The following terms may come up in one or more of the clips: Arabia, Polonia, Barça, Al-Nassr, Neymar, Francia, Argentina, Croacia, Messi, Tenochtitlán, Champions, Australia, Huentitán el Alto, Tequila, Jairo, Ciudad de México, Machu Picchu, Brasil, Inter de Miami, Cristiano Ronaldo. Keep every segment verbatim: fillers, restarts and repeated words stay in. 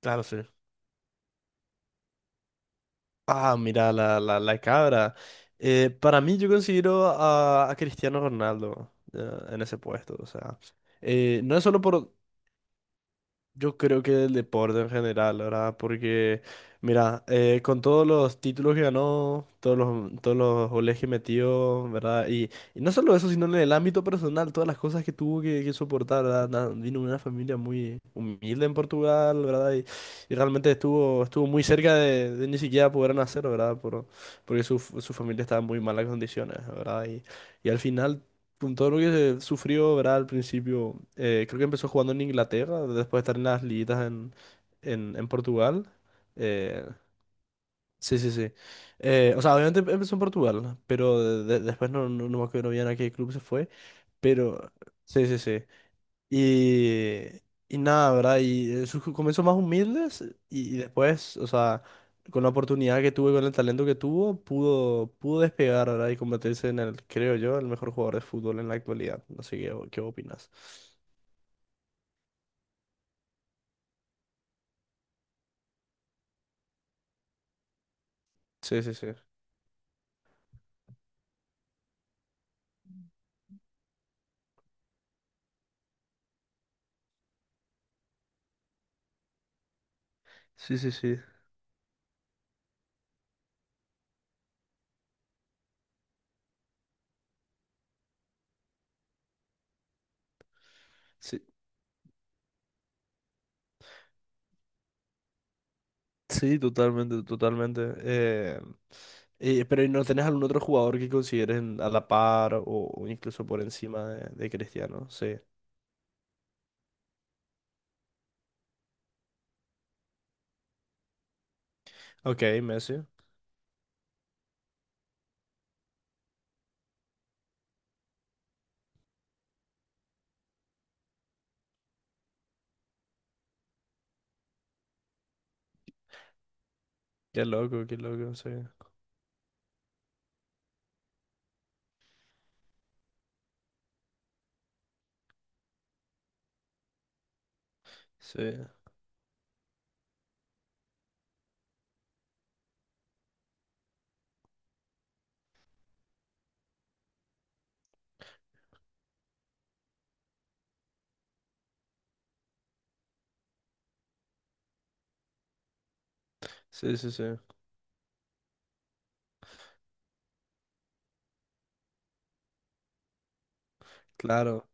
Claro, sí. Ah, mira, la, la, la cabra. Eh, para mí, yo considero a, a Cristiano Ronaldo eh, en ese puesto. O sea, eh, no es solo por... Yo creo que del deporte en general, ¿verdad? Porque, mira, eh, con todos los títulos que ganó, todos los, todos los goles que metió, ¿verdad? Y, y no solo eso, sino en el ámbito personal, todas las cosas que tuvo que, que soportar, ¿verdad? Na- Vino de una familia muy humilde en Portugal, ¿verdad? Y, y realmente estuvo, estuvo muy cerca de, de ni siquiera poder nacer, ¿verdad? Por, porque su, su familia estaba en muy malas condiciones, ¿verdad? Y, y al final con todo lo que se sufrió, ¿verdad? Al principio, eh, creo que empezó jugando en Inglaterra, después de estar en las liguitas en, en, en Portugal. Eh, sí, sí, sí. Eh, o sea, obviamente em, empezó en Portugal, pero de- de- después no, no, no me acuerdo bien a qué club se fue. Pero, sí, sí, sí. Y, y nada, ¿verdad? Y eh, sus comienzos más humildes eh, y, y después, o sea, con la oportunidad que tuvo y con el talento que tuvo, pudo, pudo despegar, ¿verdad? Y convertirse en el, creo yo, el mejor jugador de fútbol en la actualidad. No sé qué, o- qué opinas. Sí, sí, sí. Sí, sí, sí. Sí, sí, totalmente, totalmente. Eh, eh, pero ¿y no tenés algún otro jugador que consideres a la par o, o incluso por encima de, de Cristiano? Sí. Ok, Messi. Qué loco, qué loco, sí. Sí. Sí, sí, sí. Claro.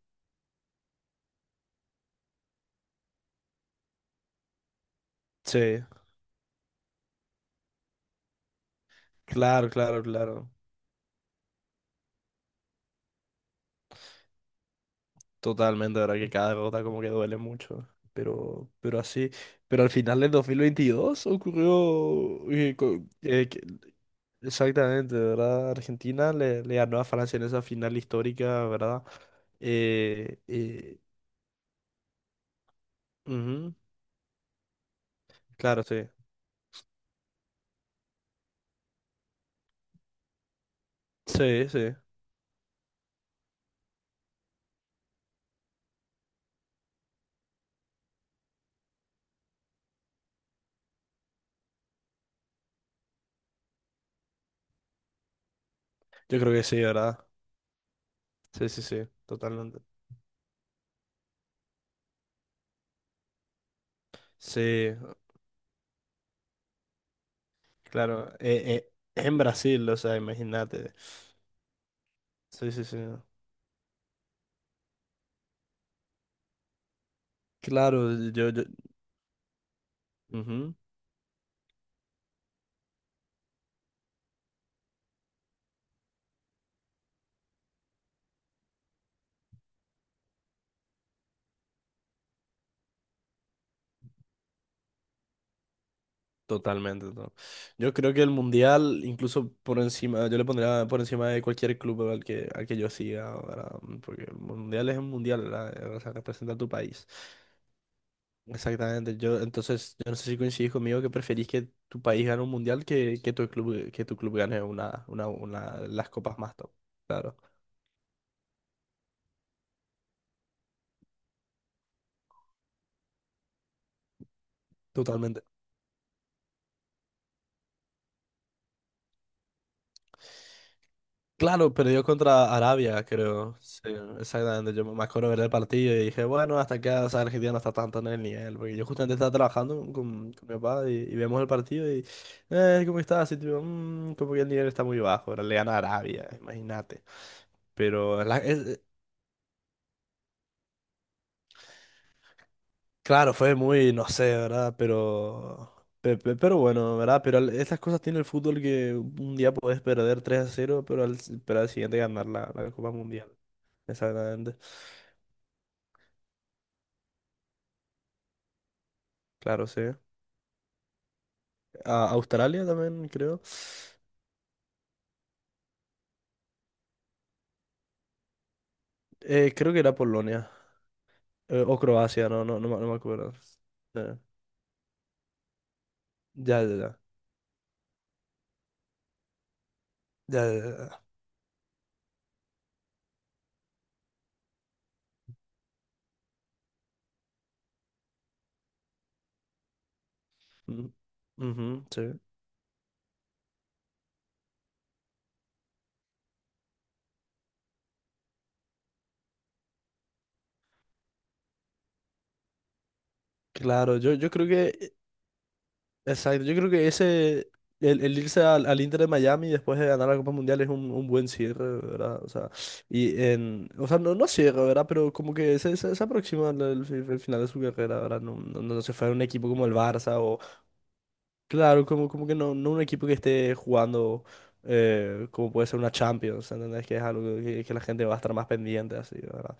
Sí. Claro, claro, claro. Totalmente, de ¿verdad? Que cada gota como que duele mucho. Pero, pero así. Pero al final del dos mil veintidós ocurrió. que co- eh, que- exactamente, ¿verdad? Argentina le, le ganó a Francia en esa final histórica, ¿verdad? Eh, eh, ujú, claro, sí. Sí, sí. Yo creo que sí, ¿verdad? Sí, sí, sí. Totalmente. Sí, claro. eh, eh, en Brasil, o sea, imagínate. Sí, sí, sí. Claro, yo, yo, ujú, totalmente. to- Yo creo que el Mundial, incluso por encima, yo le pondría por encima de cualquier club al que, al que yo siga, ¿verdad? Porque el Mundial es un Mundial, ¿verdad? O sea, representa a tu país. Exactamente. Yo, entonces, yo no sé si coincidís conmigo que preferís que tu país gane un Mundial que, que tu club, que tu club gane una, una, una, las copas más top. Claro, totalmente. Claro, perdió contra Arabia, creo. Sí, exactamente. Yo me acuerdo ver el partido y dije, bueno, hasta acá, o sea, Argentina no está tanto en el nivel. Porque yo justamente estaba trabajando con, con mi papá y, y vemos el partido y, eh, ¿cómo está? Así, tipo, "Mm, como que el nivel está muy bajo. Ahora le gana a Arabia, imagínate". Pero, la- es- claro, fue muy, no sé, ¿verdad? Pero, pe- pe- pero bueno, ¿verdad? Pero al- esas cosas tiene el fútbol que un día puedes perder tres a cero, pero al, pero al siguiente ganar la, la Copa Mundial. Exactamente. Claro, sí. A Australia también, creo. Eh, creo que era Polonia. eh, o Croacia, no, no, no, me no me acuerdo. Eh, ya, ya, ya. Ya, ya, ya. Mm, ujú, sí. Claro, yo, yo creo que. e, Exacto, yo creo que ese. El, el irse al, al Inter de Miami después de ganar la Copa Mundial es un, un buen cierre, ¿verdad? O sea, y en, o sea, no, no cierre, ¿verdad? Pero como que se, se, se aproxima al al fi- al final de su carrera, ¿verdad? No, no, no se fue a un equipo como el Barça. Claro, como, como que no, no un equipo que esté jugando eh, como puede ser una Champions, ¿entendés? Que es algo que, que la gente va a estar más pendiente, así, ¿verdad?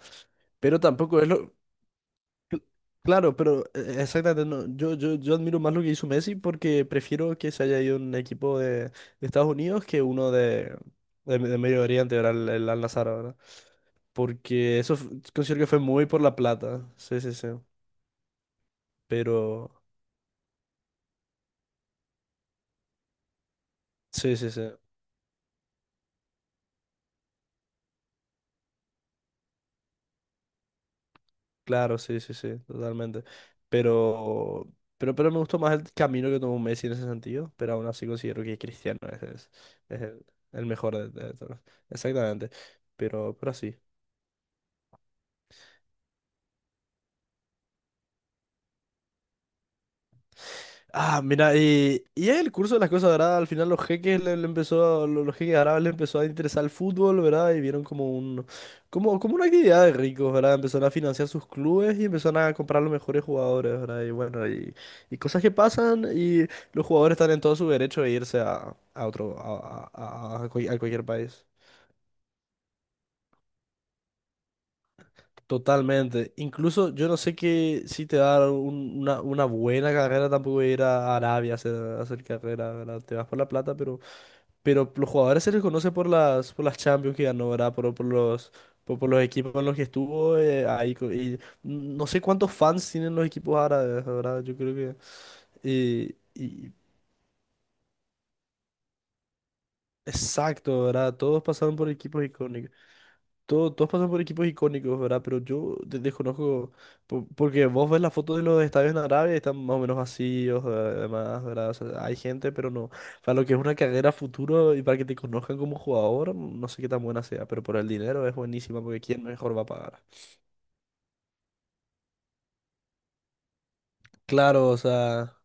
Pero tampoco es lo... cl- Claro, pero eh, exactamente, no, Yo, yo, yo admiro más lo que hizo Messi porque prefiero que se haya ido un equipo de, de Estados Unidos que uno de, de, de Medio Oriente, ¿verdad? El, el Al-Nassr, ¿verdad? Porque eso f- considero que fue muy por la plata, sí, sí, sí. Pero, sí, sí, sí. Claro, sí, sí, sí, totalmente. Pero, pero, pero me gustó más el camino que tomó Messi en ese sentido, pero aún así considero que Cristiano es, es, es el, el mejor de, de todos. Exactamente. Pero, pero sí. Ah, mira, y, y el curso de las cosas, ¿verdad? Al final los jeques le, le empezó, a- lo- los jeques árabes le empezó a interesar el fútbol, ¿verdad? Y vieron como un, como, como una actividad de ricos, ¿verdad? Empezaron a financiar sus clubes y empezaron a comprar los mejores jugadores, ¿verdad? Y bueno, y, y cosas que pasan y los jugadores están en todo su derecho de irse a, a otro, a, a- a- a cual- a cualquier país. Totalmente. Incluso yo no sé que si te da un- una, una buena carrera, tampoco ir a Arabia a hacer, a hacer carrera, ¿verdad? Te vas por la plata, pero... Pero los jugadores se les conoce por las, por las Champions que ganó, ¿verdad? Por, por los, por, por los equipos en los que estuvo eh, ahí. co- Y no sé cuántos fans tienen los equipos árabes, ¿verdad? Yo creo que... Y, y- exacto, ¿verdad? Todos pasaron por equipos icónicos. Todo- todos pasan por equipos icónicos, ¿verdad? Pero yo de- desconozco, po- porque vos ves las fotos de los estadios en Arabia y están más o menos vacíos, eh, además, ¿verdad? O sea, hay gente, pero no. Para lo que es una carrera futuro y para que te conozcan como jugador, no sé qué tan buena sea, pero por el dinero es buenísima, porque ¿quién mejor va a pagar? Claro, o sea...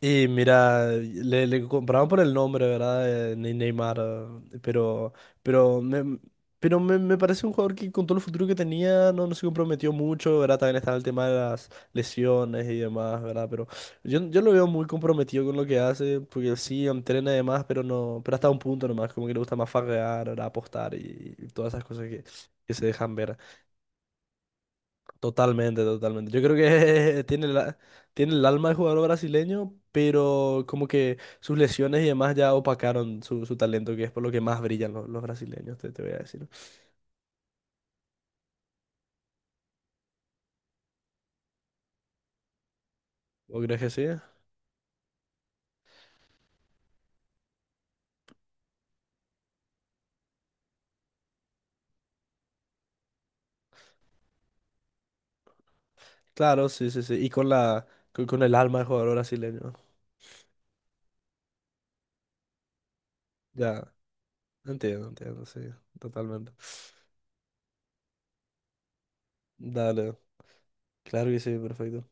Y mira, le, le compraban por el nombre, ¿verdad? Eh, Ney- Neymar, eh, pero, pero, me, pero me, me parece un jugador que con todo el futuro que tenía no, no se comprometió mucho, ¿verdad? También estaba el tema de las lesiones y demás, ¿verdad? Pero yo, yo lo veo muy comprometido con lo que hace, porque sí, entrena y demás, pero no, pero hasta un punto nomás, como que le gusta más farrear, ¿verdad? Apostar y, y todas esas cosas que, que se dejan ver. Totalmente, totalmente. Yo creo que tiene la, tiene el alma de jugador brasileño, pero como que sus lesiones y demás ya opacaron su, su talento, que es por lo que más brillan los, los brasileños, te, te voy a decir. ¿O crees que sí? Claro, sí, sí, sí. Y con la, con, con el alma de jugador brasileño. Ya, entiendo, entiendo, sí, totalmente. Dale, claro que sí, perfecto.